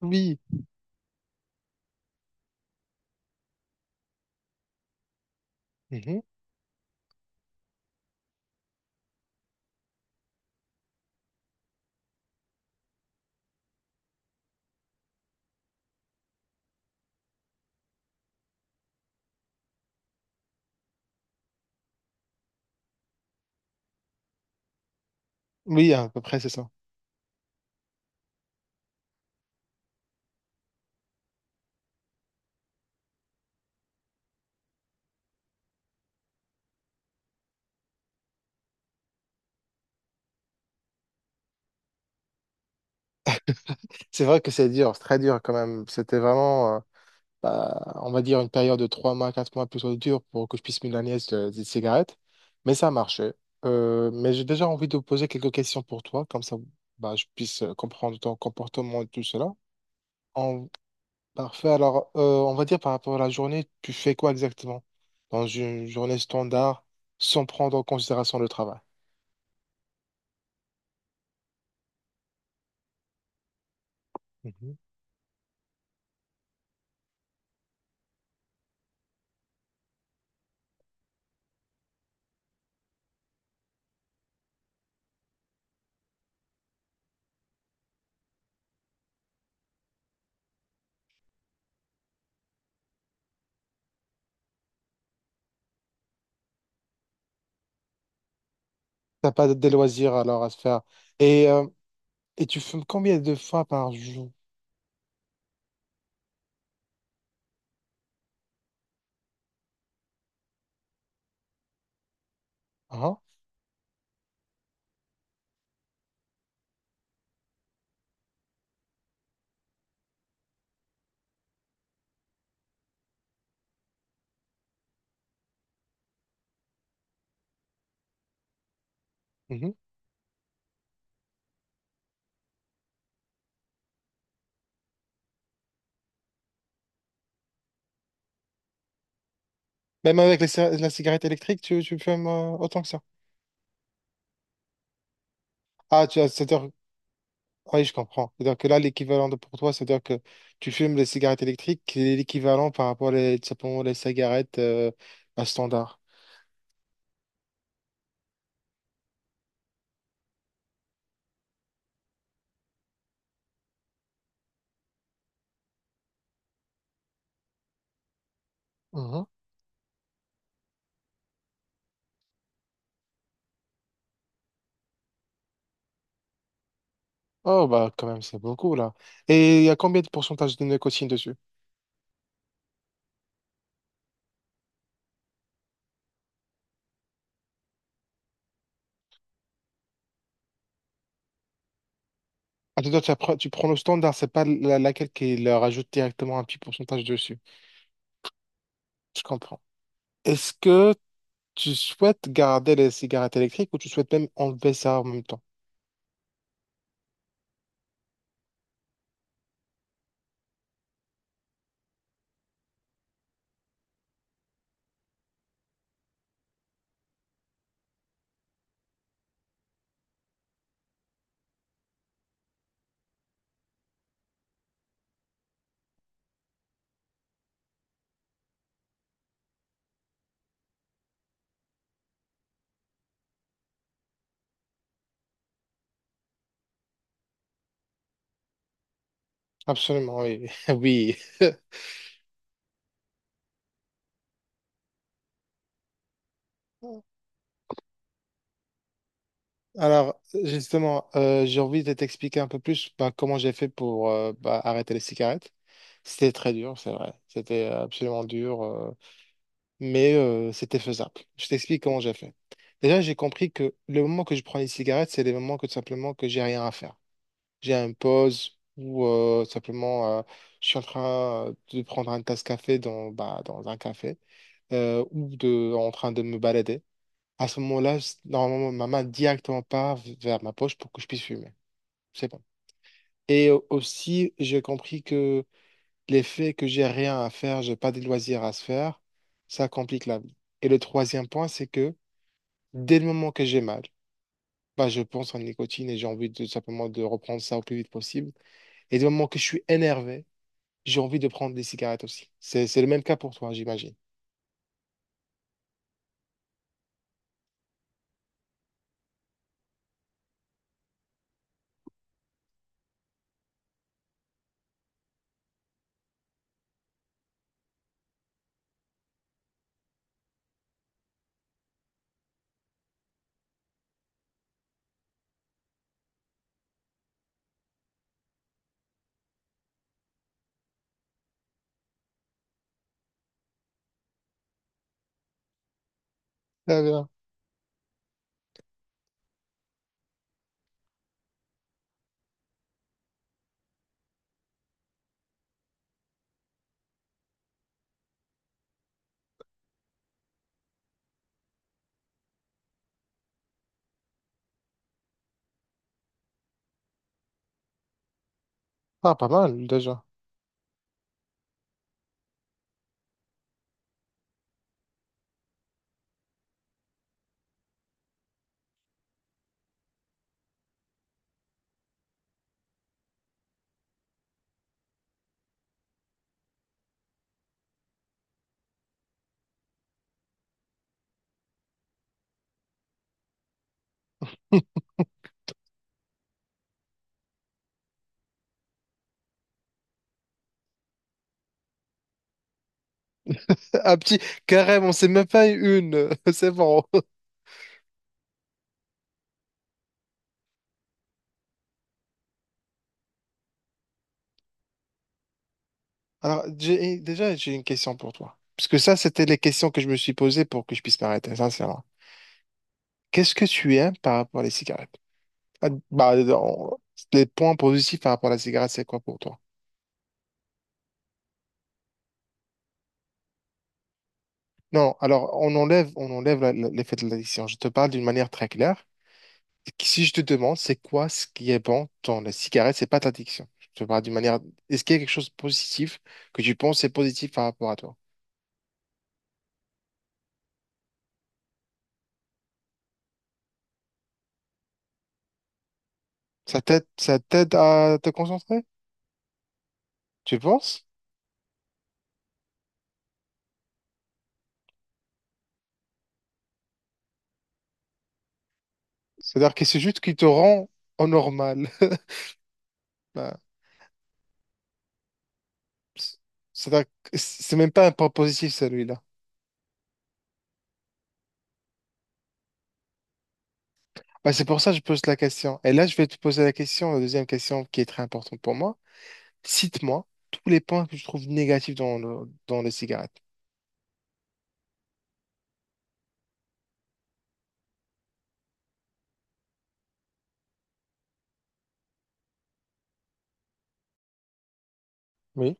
Oui. Mhm. Oui, à peu près, c'est ça. C'est vrai que c'est dur, c'est très dur quand même. C'était vraiment, bah, on va dire, une période de 3 mois, 4 mois plutôt dure pour que je puisse me nièce des cigarettes. Mais ça a marché. Mais j'ai déjà envie de poser quelques questions pour toi, comme ça, bah, je puisse comprendre ton comportement et tout cela. En... Parfait. Alors, on va dire par rapport à la journée, tu fais quoi exactement dans une journée standard sans prendre en considération le travail? Mhm. T'as pas des loisirs alors à se faire. Et euh, Et tu fumes combien de fois par jour? Ah. Mhm. Même avec la cigarette électrique, tu fumes autant que ça. Ah, c'est-à-dire, ah oui, je comprends. C'est-à-dire que là, l'équivalent de pour toi, c'est-à-dire que tu fumes les cigarettes électriques, qui est l'équivalent par rapport tout simplement les cigarettes à standard. Mhm. Oh, bah, quand même, c'est beaucoup, là. Et il y a combien de pourcentage de nicotine dessus? Ah, tu, dois- tu appre- tu prends le standard, c'est pas laquelle qui leur rajoute directement un petit pourcentage dessus. Je comprends. Est-ce que Tu souhaites garder les cigarettes électriques ou tu souhaites même enlever ça en même temps? Absolument, oui. Oui. Alors, justement, j'ai envie de t'expliquer un peu plus bah, comment j'ai fait pour bah, arrêter les cigarettes. C'était très dur, c'est vrai. C'était absolument dur, mais c'était faisable. Je t'explique comment j'ai fait. Déjà, j'ai compris que le moment que je prends les cigarettes, c'est les moments que tout simplement que j'ai rien à faire. J'ai une pause ou simplement je suis en train de prendre un tasse café bah, dans un café ou en train de me balader. À ce moment-là, normalement, ma main directement part vers ma poche pour que je puisse fumer. C'est bon. Et aussi, j'ai compris que l'effet que j'ai rien à faire, j'ai pas de loisirs à se faire, ça complique la vie. Et le troisième point, c'est que dès le moment que j'ai mal, bah, je pense en nicotine et j'ai envie de simplement de reprendre ça au plus vite possible. Et dès le moment que je suis énervé, j'ai envie de prendre des cigarettes aussi. C'est le même cas pour toi, j'imagine. Très bien. Ah, pas mal, déjà. Un petit, carrément, on c'est même pas une. C'est bon. Alors, déjà, j'ai une question pour toi. Parce que ça, c'était les questions que je me suis posées pour que je puisse m'arrêter, sincèrement. Qu'est-ce que tu aimes par rapport à les cigarettes? Ah, bah, les points positifs par rapport à la cigarette, c'est quoi pour toi? Non, alors, on enlève l'effet de l'addiction. Je te parle d'une manière très claire. Si je te demande, c'est quoi ce qui est bon dans la cigarette, c'est pas ta addiction. Je te parle d'une manière. Est-ce qu'il y a quelque chose de positif que tu penses est positif par rapport à toi? Ça t'aide à te concentrer? Tu penses? C'est-à-dire que c'est juste qui te rend au normal. Bah, c- c'est-à-dire que c'est même pas un point positif celui-là. Bah, c'est pour ça que je pose la question. Et là, je vais te poser la question, la deuxième question qui est très importante pour moi. Cite-moi tous les points que je trouve négatifs dans les cigarettes. Oui.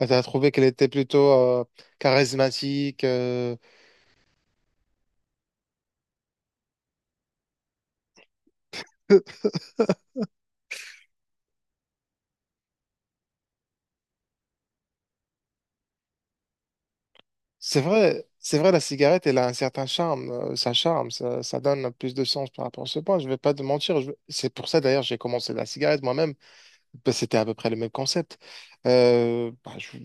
Et t'as trouvé qu'elle était plutôt charismatique. C'est vrai, la cigarette, elle a un certain charme, ça charme, ça donne plus de sens par rapport à ce point. Je vais pas te mentir, c'est pour ça d'ailleurs j'ai commencé la cigarette moi-même. Bah, c'était à peu près le même concept. Bah, je,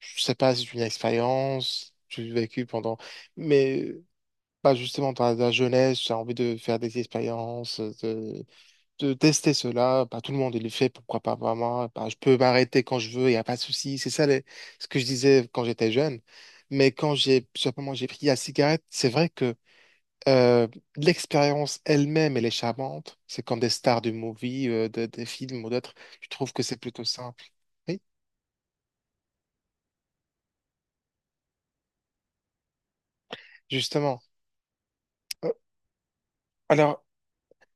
je sais pas, c'est une expérience que j'ai vécue pendant, mais pas justement dans la jeunesse, j'ai envie de faire des expériences, de tester cela. Bah, tout le monde il le fait, pourquoi pas moi? Bah, je peux m'arrêter quand je veux, il n'y a pas de souci. C'est ça ce que je disais quand j'étais jeune. Mais quand j'ai pris la cigarette, c'est vrai que euh, l'expérience elle-même, elle est charmante. C'est comme des stars du movie, des films ou d'autres. Je trouve que c'est plutôt simple. Oui, justement. Euh, Alors,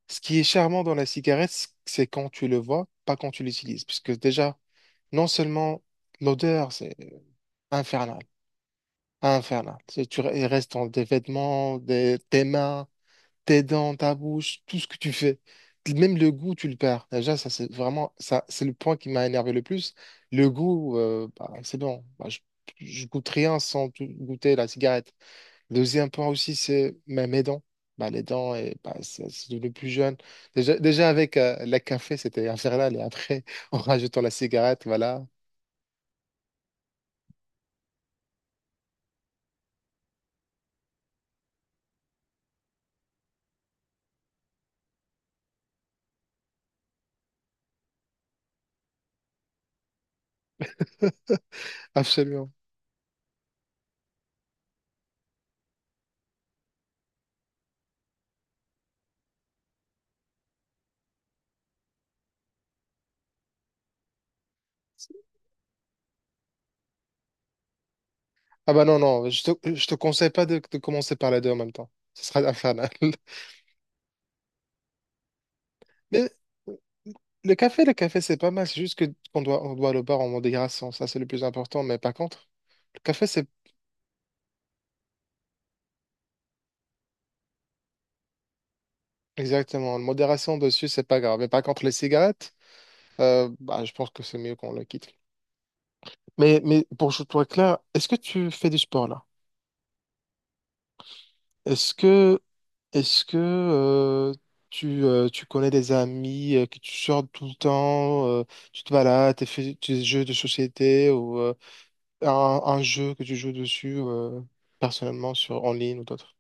ce qui est charmant dans la cigarette, c'est quand tu le vois, pas quand tu l'utilises. Puisque déjà, non seulement l'odeur, c'est infernal. Infernal. Il reste dans des vêtements, tes mains, tes dents, ta bouche, tout ce que tu fais. Même le goût, tu le perds. Déjà, ça, c'est vraiment, ça, c'est le point qui m'a énervé le plus. Le goût, bah, c'est bon. Bah, je goûte rien sans goûter la cigarette. Deuxième point aussi, c'est bah, mes dents. Bah, les dents, et, bah, c'est devenu plus jeune. Déjà avec la café, c'était infernal. Et après, en rajoutant la cigarette, voilà. Absolument. Ah bah non, non, je te conseille pas de commencer par les deux en même temps. Ce sera infernal. Mais le café, c'est pas mal. C'est juste que qu'on doit le boire en modération. Ça, c'est le plus important. Mais par contre, le café, c'est exactement. La modération dessus, c'est pas grave. Mais par contre, les cigarettes, bah, je pense que c'est mieux qu'on le quitte. Mais pour que je sois clair, est-ce que tu fais du sport là? Est-ce que, est-ce que tu connais des amis que tu sors tout le temps, tu te balades, tu fais des jeux de société ou un jeu que tu joues dessus personnellement sur, en ligne ou d'autres?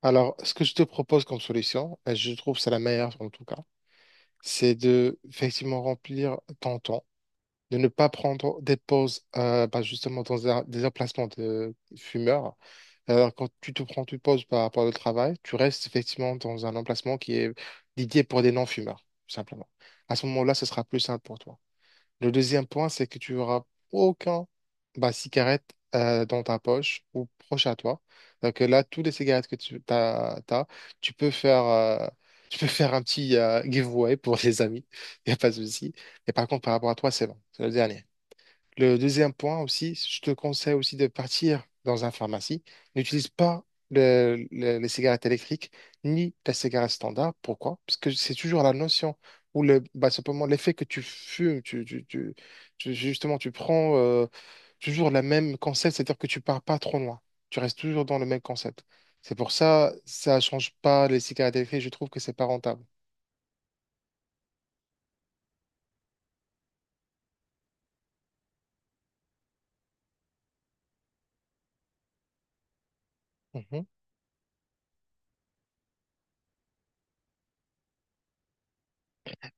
Alors, ce que je te propose comme solution, et je trouve que c'est la meilleure en tout cas, c'est de effectivement remplir ton temps de ne pas prendre des pauses bah, justement dans des emplacements de fumeurs. Alors, quand tu te prends une pause par rapport au travail, tu restes effectivement dans un emplacement qui est dédié pour des non-fumeurs, tout simplement. À ce moment-là, ce sera plus simple pour toi. Le deuxième point, c'est que tu auras aucun bah, cigarette dans ta poche ou proche à toi. Donc là, toutes les cigarettes que tu tu peux faire un petit giveaway pour les amis. Il n'y a pas de souci. Et par contre, par rapport à toi, c'est bon. C'est le dernier. Le deuxième point aussi, je te conseille aussi de partir dans un pharmacie. N'utilise pas les cigarettes électriques ni la cigarette standard. Pourquoi? Parce que c'est toujours la notion ou le, bah, simplement l'effet que tu fumes, justement, tu prends toujours le même concept, c'est-à-dire que tu pars pas trop loin. Tu restes toujours dans le même concept. C'est pour ça, ça change pas les cigarettes électriques. Je trouve que c'est pas rentable. Mhm.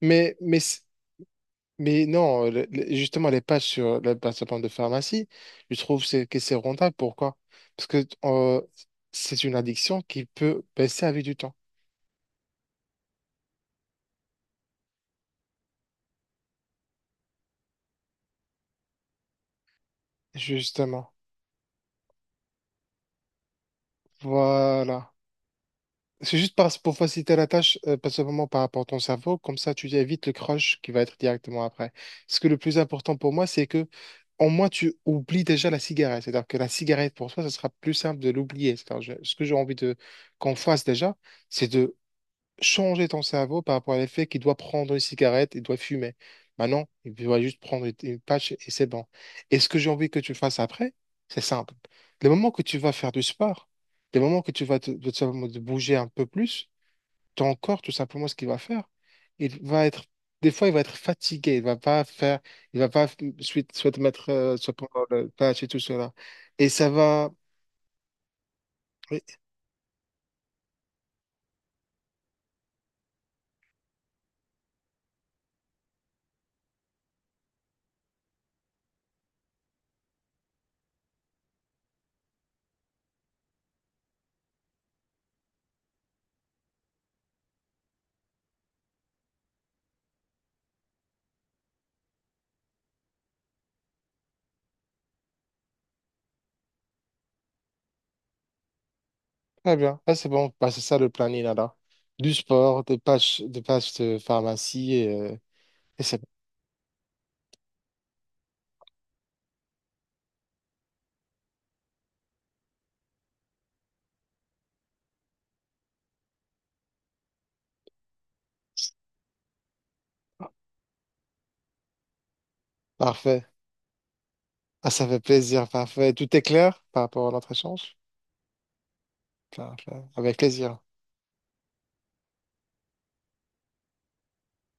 Mais, mais Mais non, justement, les pages sur la plateforme de pharmacie, je trouve que c'est rentable. Pourquoi? Parce que c'est une addiction qui peut baisser avec du temps. Justement. Voilà. C'est juste pour faciliter la tâche, principalement par rapport à ton cerveau. Comme ça, tu évites le crush qui va être directement après. Ce que le plus important pour moi, c'est que au moins, tu oublies déjà la cigarette. C'est-à-dire que la cigarette, pour toi, ce sera plus simple de l'oublier. C'est-à-dire, ce que j'ai envie de qu'on fasse déjà, c'est de changer ton cerveau par rapport à l'effet qu'il doit prendre une cigarette, il doit fumer. Maintenant, il doit juste prendre une patch et c'est bon. Et ce que j'ai envie que tu fasses après, c'est simple. Le moment que tu vas faire du sport, le moment que tu vas te bouger un peu plus, ton corps, tout simplement, ce qu'il va faire, il va être, des fois, il va être fatigué, il va pas suite, souhaite mettre, prendre le patch et tout cela. Et ça va. Très bien. Ah, c'est bon, bah, c'est ça le planning alors. Du sport, des pages de pharmacie et c'est bon. Parfait. Ah, ça fait plaisir, parfait. Tout est clair par rapport à notre échange? Parfait. Avec plaisir.